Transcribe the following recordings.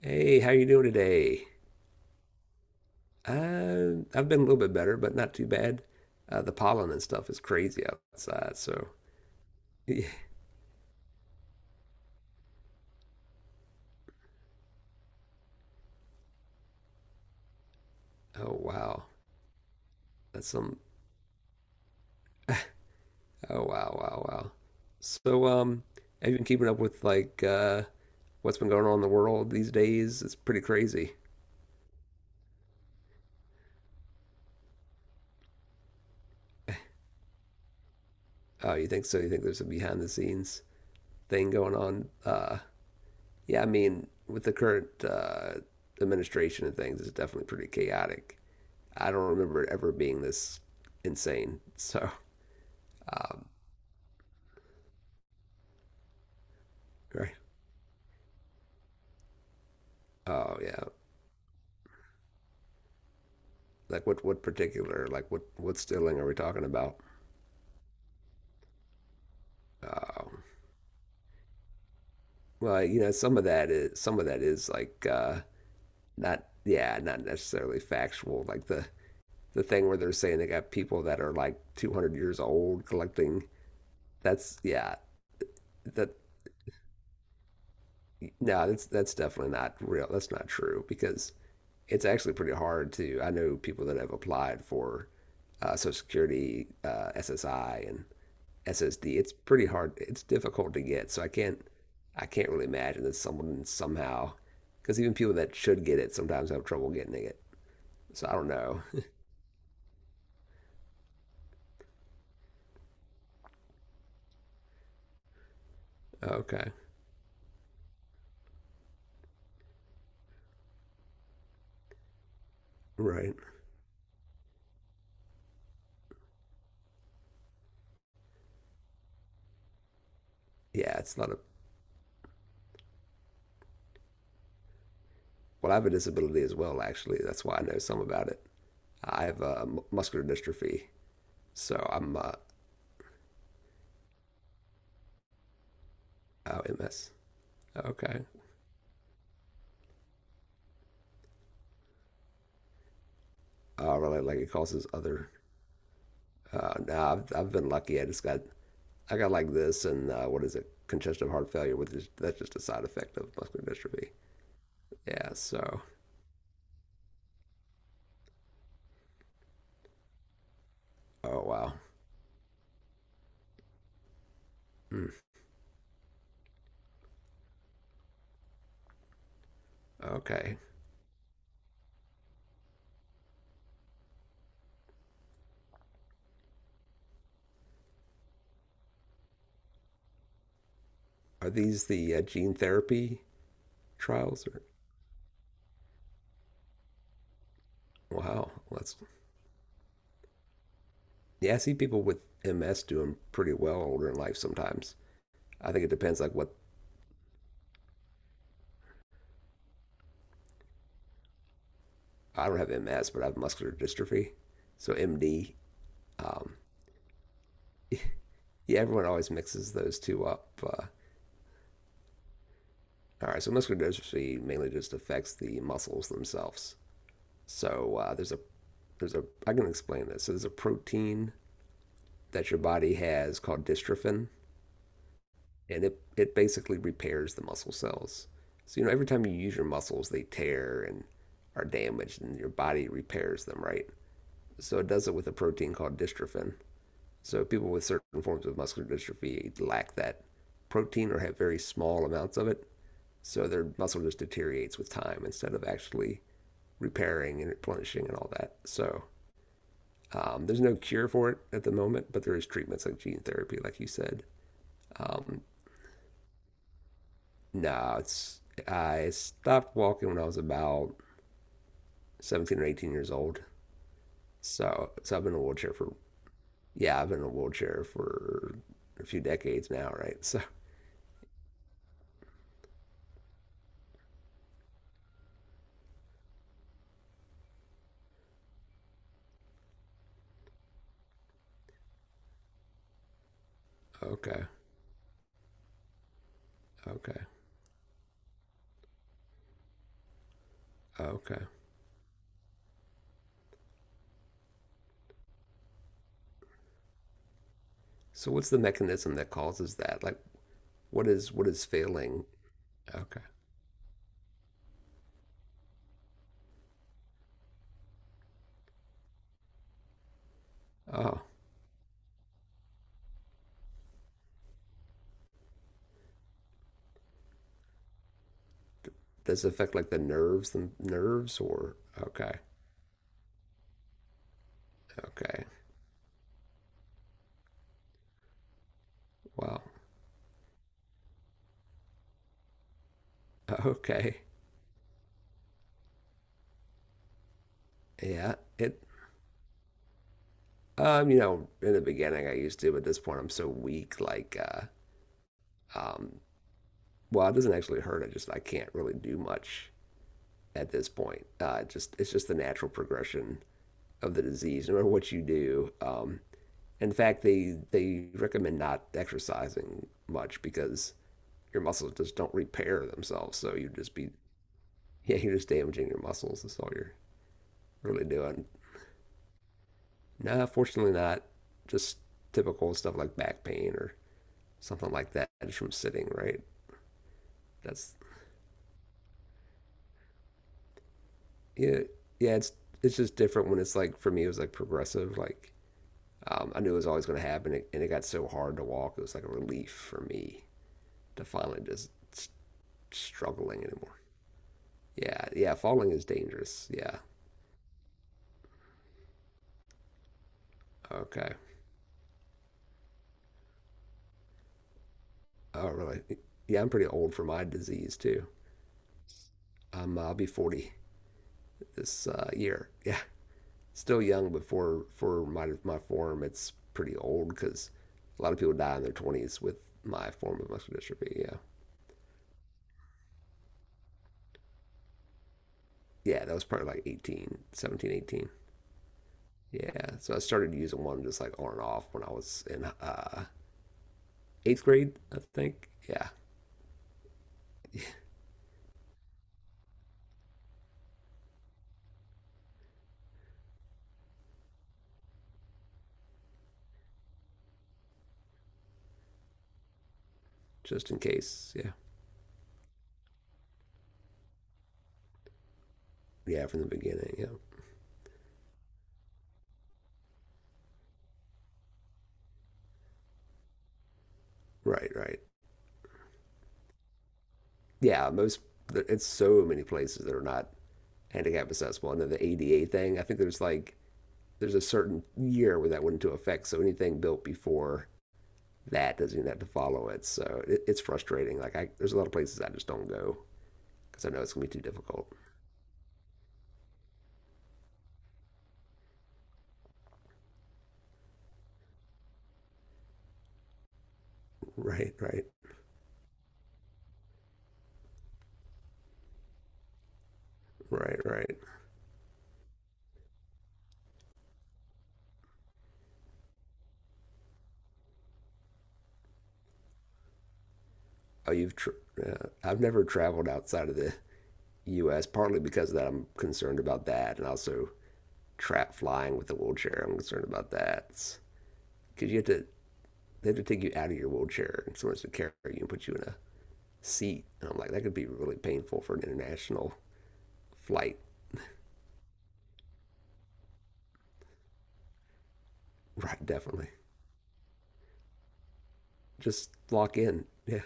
Hey, how you doing today? I've been a little bit better, but not too bad. The pollen and stuff is crazy outside, so yeah. Oh wow, that's some. Oh wow, wow, wow. So have you been keeping up with like what's been going on in the world these days? It's pretty crazy. Oh, you think so? You think there's a behind the scenes thing going on? Yeah, I mean, with the current administration and things, it's definitely pretty chaotic. I don't remember it ever being this insane. Um, Right. Oh yeah, like what particular like what stealing are we talking about? Um, well, you know, some of that is like not necessarily factual. Like the thing where they're saying they got people that are like 200 years old collecting. That's yeah, that no, that's definitely not real. That's not true because it's actually pretty hard to. I know people that have applied for Social Security, SSI, and SSD. It's pretty hard. It's difficult to get. I can't really imagine that someone somehow, because even people that should get it sometimes have trouble getting it. So I don't know. Okay. Right. Yeah. It's not a. Well, I have a disability as well. Actually, that's why I know some about it. I have muscular dystrophy, so I'm oh, MS. Okay. Really, like it causes other. No, I've been lucky. I got like this, and what is it? Congestive heart failure, which is that's just a side effect of muscular dystrophy. Yeah, so. Oh, wow. Mm, okay. Are these the gene therapy trials? Wow. Let's. Yeah, I see people with MS doing pretty well older in life sometimes. I think it depends, like, what. I don't have MS, but I have muscular dystrophy. So, MD. Um, yeah, everyone always mixes those two up. All right, so muscular dystrophy mainly just affects the muscles themselves. So there's a I can explain this. So there's a protein that your body has called dystrophin, and it basically repairs the muscle cells. So you know, every time you use your muscles, they tear and are damaged, and your body repairs them, right? So it does it with a protein called dystrophin. So people with certain forms of muscular dystrophy lack that protein or have very small amounts of it, so their muscle just deteriorates with time instead of actually repairing and replenishing and all that. So there's no cure for it at the moment, but there is treatments like gene therapy, like you said. um, No, it's I stopped walking when I was about 17 or 18 years old. So, so I've been in a wheelchair for yeah, I've been in a wheelchair for a few decades now, right? So, okay, okay, okay. So, what's the mechanism that causes that? What is failing? Okay. Oh, does it affect like the nerves, or okay, okay. Wow. Okay. Yeah. It. You know, in the beginning, I used to, but at this point, I'm so weak. Like, um, well, it doesn't actually hurt. I can't really do much at this point. Just it's just the natural progression of the disease, no matter what you do. In fact, they recommend not exercising much because your muscles just don't repair themselves. So you just be yeah, you're just damaging your muscles. That's all you're really doing. No, fortunately not. Just typical stuff like back pain or something like that just from sitting, right? That's yeah, yeah. It's just different when it's like for me it was like progressive, like I knew it was always going to happen, and it got so hard to walk. It was like a relief for me to finally just struggling anymore. Yeah, yeah, falling is dangerous. Yeah, okay. Oh, really? Yeah, I'm pretty old for my disease too. I'll be 40 this year. Yeah, still young, but for my form, it's pretty old because a lot of people die in their 20s with my form of muscular dystrophy. Yeah, yeah, that was probably like 18, 17, 18. Yeah, so I started using one just like on and off when I was in eighth grade, I think. Yeah, just in case. Yeah, yeah, from the beginning. Yeah, right, right. Yeah, most it's so many places that are not handicap accessible. And then the ADA thing, I think there's a certain year where that went into effect, so anything built before that doesn't even have to follow it. So it, it's frustrating. Like I, there's a lot of places I just don't go because I know it's gonna be too difficult. Right, right, right, right. oh, you've tr I've never traveled outside of the U.S. partly because of that I'm concerned about that, and also trap flying with a wheelchair. I'm concerned about that because you have to they have to take you out of your wheelchair and someone has to carry you and put you in a seat, and I'm like that could be really painful for an international flight. Right, definitely. Just lock in. Yeah,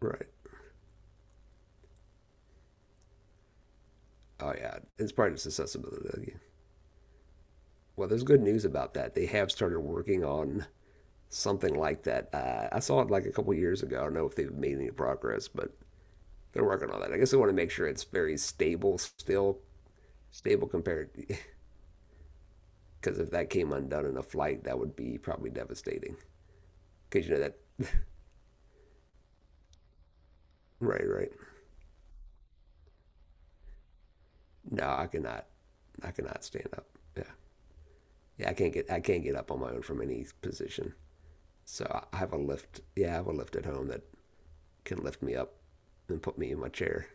right. Oh yeah, it's probably just accessibility. Well, there's good news about that. They have started working on something like that. I saw it like a couple years ago. I don't know if they've made any progress, but they're working on that. I guess they want to make sure it's very stable still, stable, because if that came undone in a flight, that would be probably devastating. Because you know that, right, right. No, I cannot stand up. Yeah, yeah, I can't get up on my own from any position. So I have a lift. Yeah, I have a lift at home that can lift me up and put me in my chair.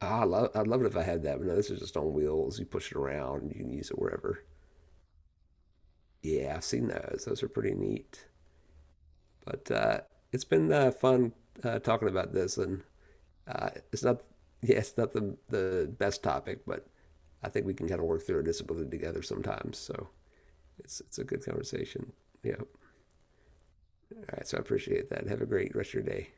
I'd love it if I had that, but no, this is just on wheels. You push it around and you can use it wherever. Yeah, I've seen those. Those are pretty neat. But it's been fun talking about this, and it's not, yeah, it's not the best topic, but I think we can kind of work through a disability together sometimes. So it's a good conversation. Yeah. All right. So I appreciate that. Have a great rest of your day.